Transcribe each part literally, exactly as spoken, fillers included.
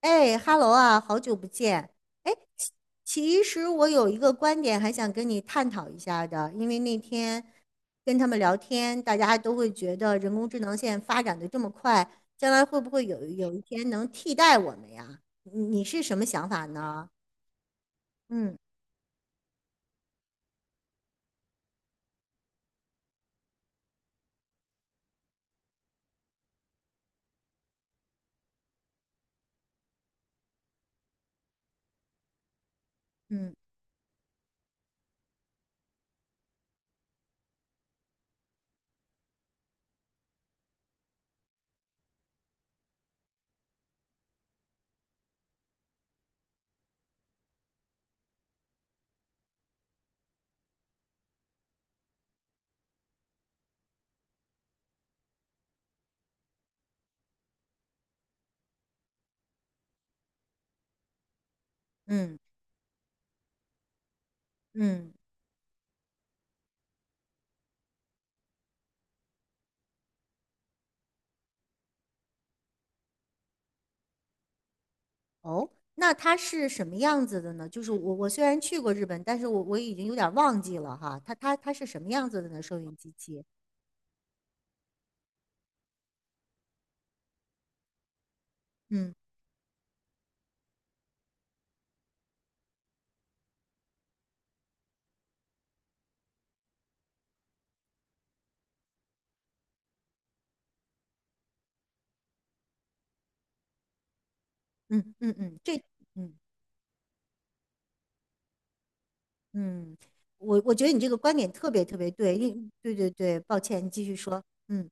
哎哈喽啊，好久不见。哎，其其实我有一个观点还想跟你探讨一下的，因为那天跟他们聊天，大家都会觉得人工智能现在发展的这么快，将来会不会有有一天能替代我们呀？你你是什么想法呢？嗯嗯嗯嗯，哦，那它是什么样子的呢？就是我我虽然去过日本，但是我我已经有点忘记了哈，它它它是什么样子的呢？收音机器，嗯嗯嗯嗯，这。嗯嗯，我我觉得你这个观点特别特别对，因对对对，抱歉，你继续说。嗯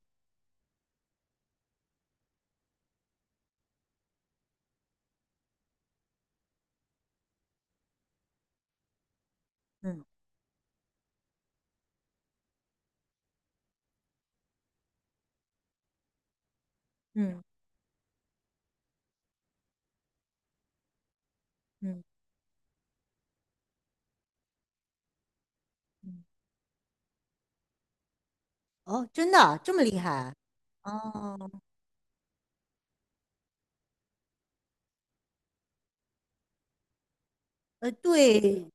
嗯嗯嗯嗯，哦，真的啊这么厉害啊？哦，呃，对，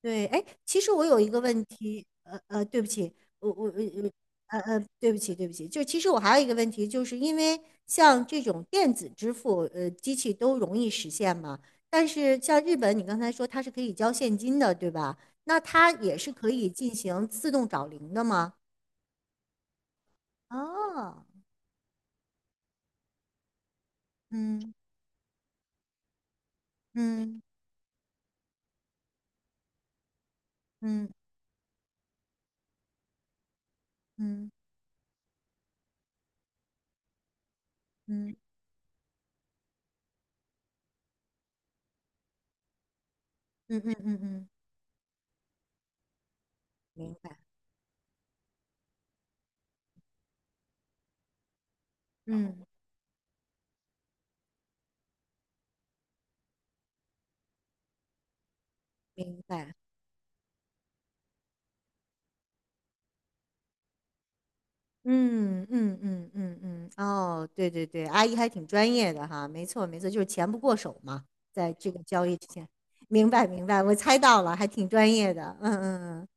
对，哎，其实我有一个问题，呃呃，对不起，我我我呃呃，对不起对不起，就其实我还有一个问题，就是因为像这种电子支付，呃，机器都容易实现嘛，但是像日本，你刚才说它是可以交现金的，对吧？那它也是可以进行自动找零的吗？哦，嗯嗯嗯嗯嗯嗯嗯嗯嗯，明白，嗯，明白。嗯嗯嗯嗯嗯，哦，对对对，阿姨还挺专业的哈，没错没错，就是钱不过手嘛，在这个交易之前，明白明白，我猜到了，还挺专业的，嗯嗯嗯，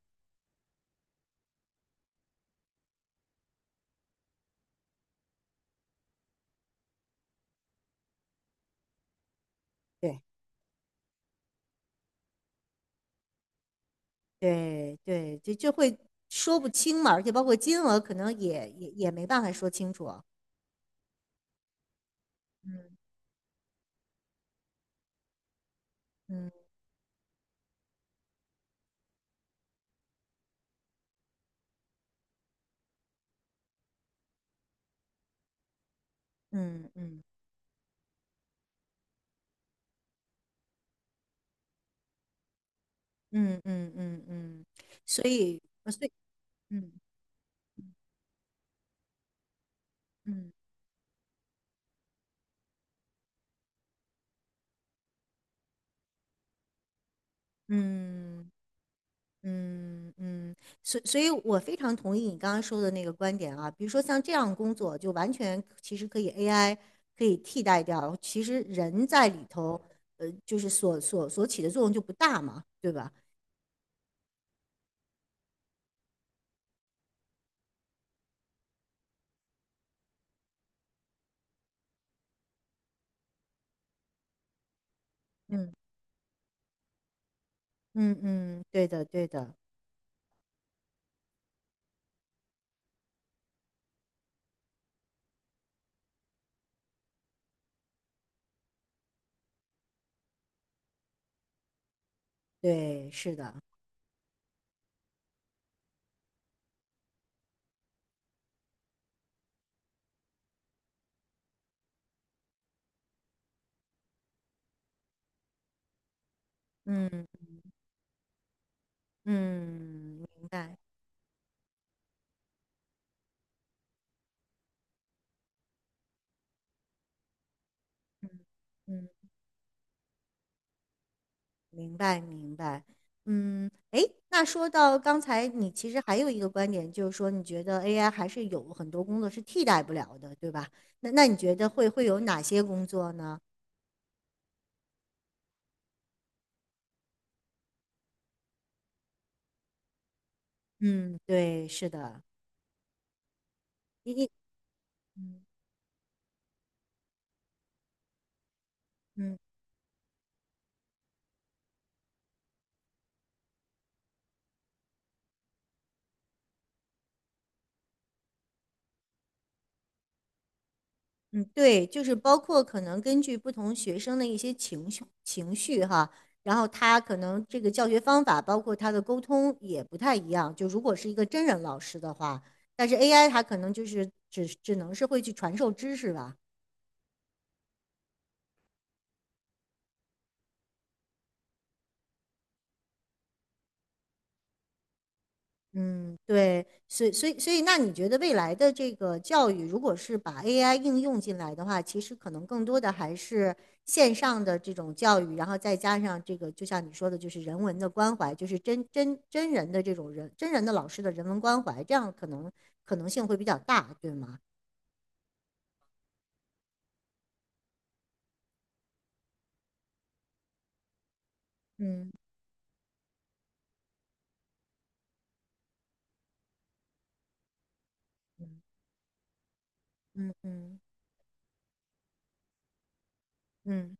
对对对，就就会说不清嘛，而且包括金额可能也也也没办法说清楚，嗯嗯嗯嗯嗯嗯嗯嗯，所以所以嗯嗯嗯。嗯嗯，所所以，我非常同意你刚刚说的那个观点啊。比如说，像这样工作，就完全其实可以 A I 可以替代掉。其实人在里头，呃，就是所所所起的作用就不大嘛，对吧？嗯嗯嗯，对的对的，对，是的，嗯嗯，明白，嗯嗯。明白，明白。嗯，诶，那说到刚才你其实还有一个观点，就是说你觉得 A I 还是有很多工作是替代不了的，对吧？那那你觉得会会有哪些工作呢？嗯，对，是的，你你嗯嗯。嗯，对，就是包括可能根据不同学生的一些情绪情绪哈，然后他可能这个教学方法，包括他的沟通也不太一样。就如果是一个真人老师的话，但是 A I 它可能就是只只能是会去传授知识吧。嗯，对，所以所以所以，那你觉得未来的这个教育，如果是把 A I 应用进来的话，其实可能更多的还是线上的这种教育，然后再加上这个，就像你说的，就是人文的关怀，就是真真真人的这种人，真人的老师的人文关怀，这样可能可能性会比较大，对吗？嗯嗯嗯嗯嗯。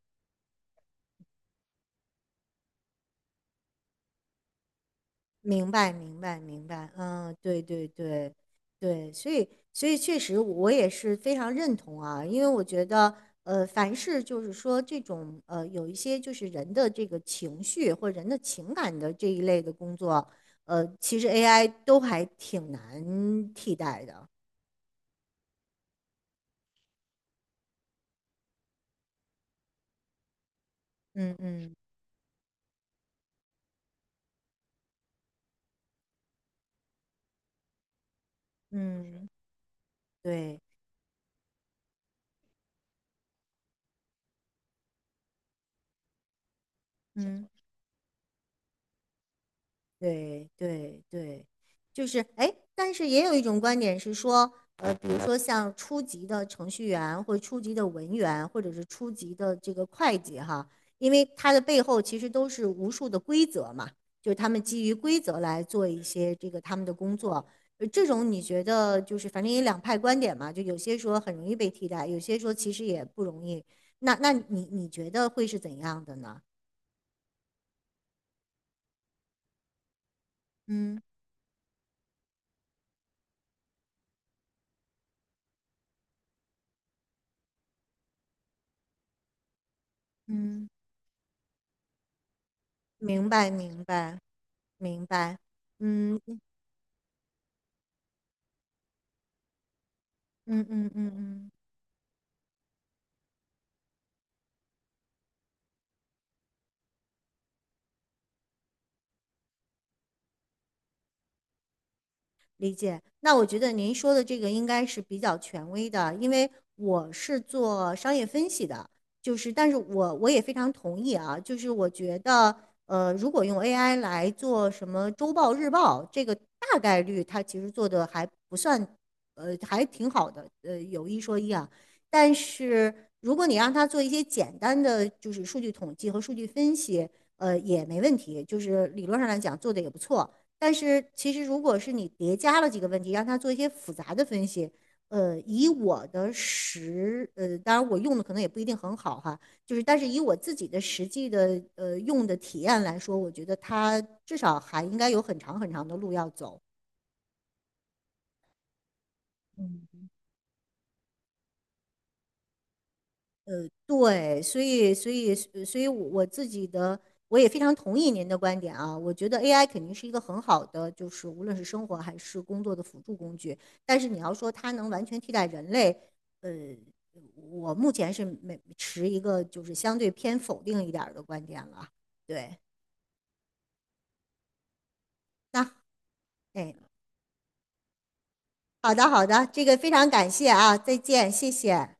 明白，明白，明白。嗯，对对对对，所以所以确实我也是非常认同啊，因为我觉得呃，凡是就是说这种呃，有一些就是人的这个情绪或人的情感的这一类的工作，呃，其实 A I 都还挺难替代的。嗯嗯嗯，对，嗯。对对对，就是哎，诶但是也有一种观点是说，呃，比如说像初级的程序员，或者初级的文员，或者是初级的这个会计哈，因为它的背后其实都是无数的规则嘛，就是他们基于规则来做一些这个他们的工作。呃这种你觉得就是反正也两派观点嘛，就有些说很容易被替代，有些说其实也不容易。那那你你觉得会是怎样的呢？嗯嗯，明白明白。明白。嗯嗯嗯嗯嗯。理解。那我觉得您说的这个应该是比较权威的，因为我是做商业分析的，就是但是我我也非常同意啊，就是我觉得呃，如果用 A I 来做什么周报、日报，这个大概率它其实做的还不算，呃，还挺好的，呃，有一说一啊。但是如果你让它做一些简单的就是数据统计和数据分析，呃，也没问题，就是理论上来讲做的也不错。但是其实如果是你叠加了几个问题，让他做一些复杂的分析，呃，以我的实，呃，当然我用的可能也不一定很好哈，就是但是以我自己的实际的呃用的体验来说，我觉得他至少还应该有很长很长的路要走。对，所以所以呃所以我，我自己的我也非常同意您的观点啊。我觉得 A I 肯定是一个很好的，就是无论是生活还是工作的辅助工具。但是你要说它能完全替代人类，呃，我目前是没持一个就是相对偏否定一点儿的观点了。对，那哎，好的好的，这个非常感谢啊，再见，谢谢。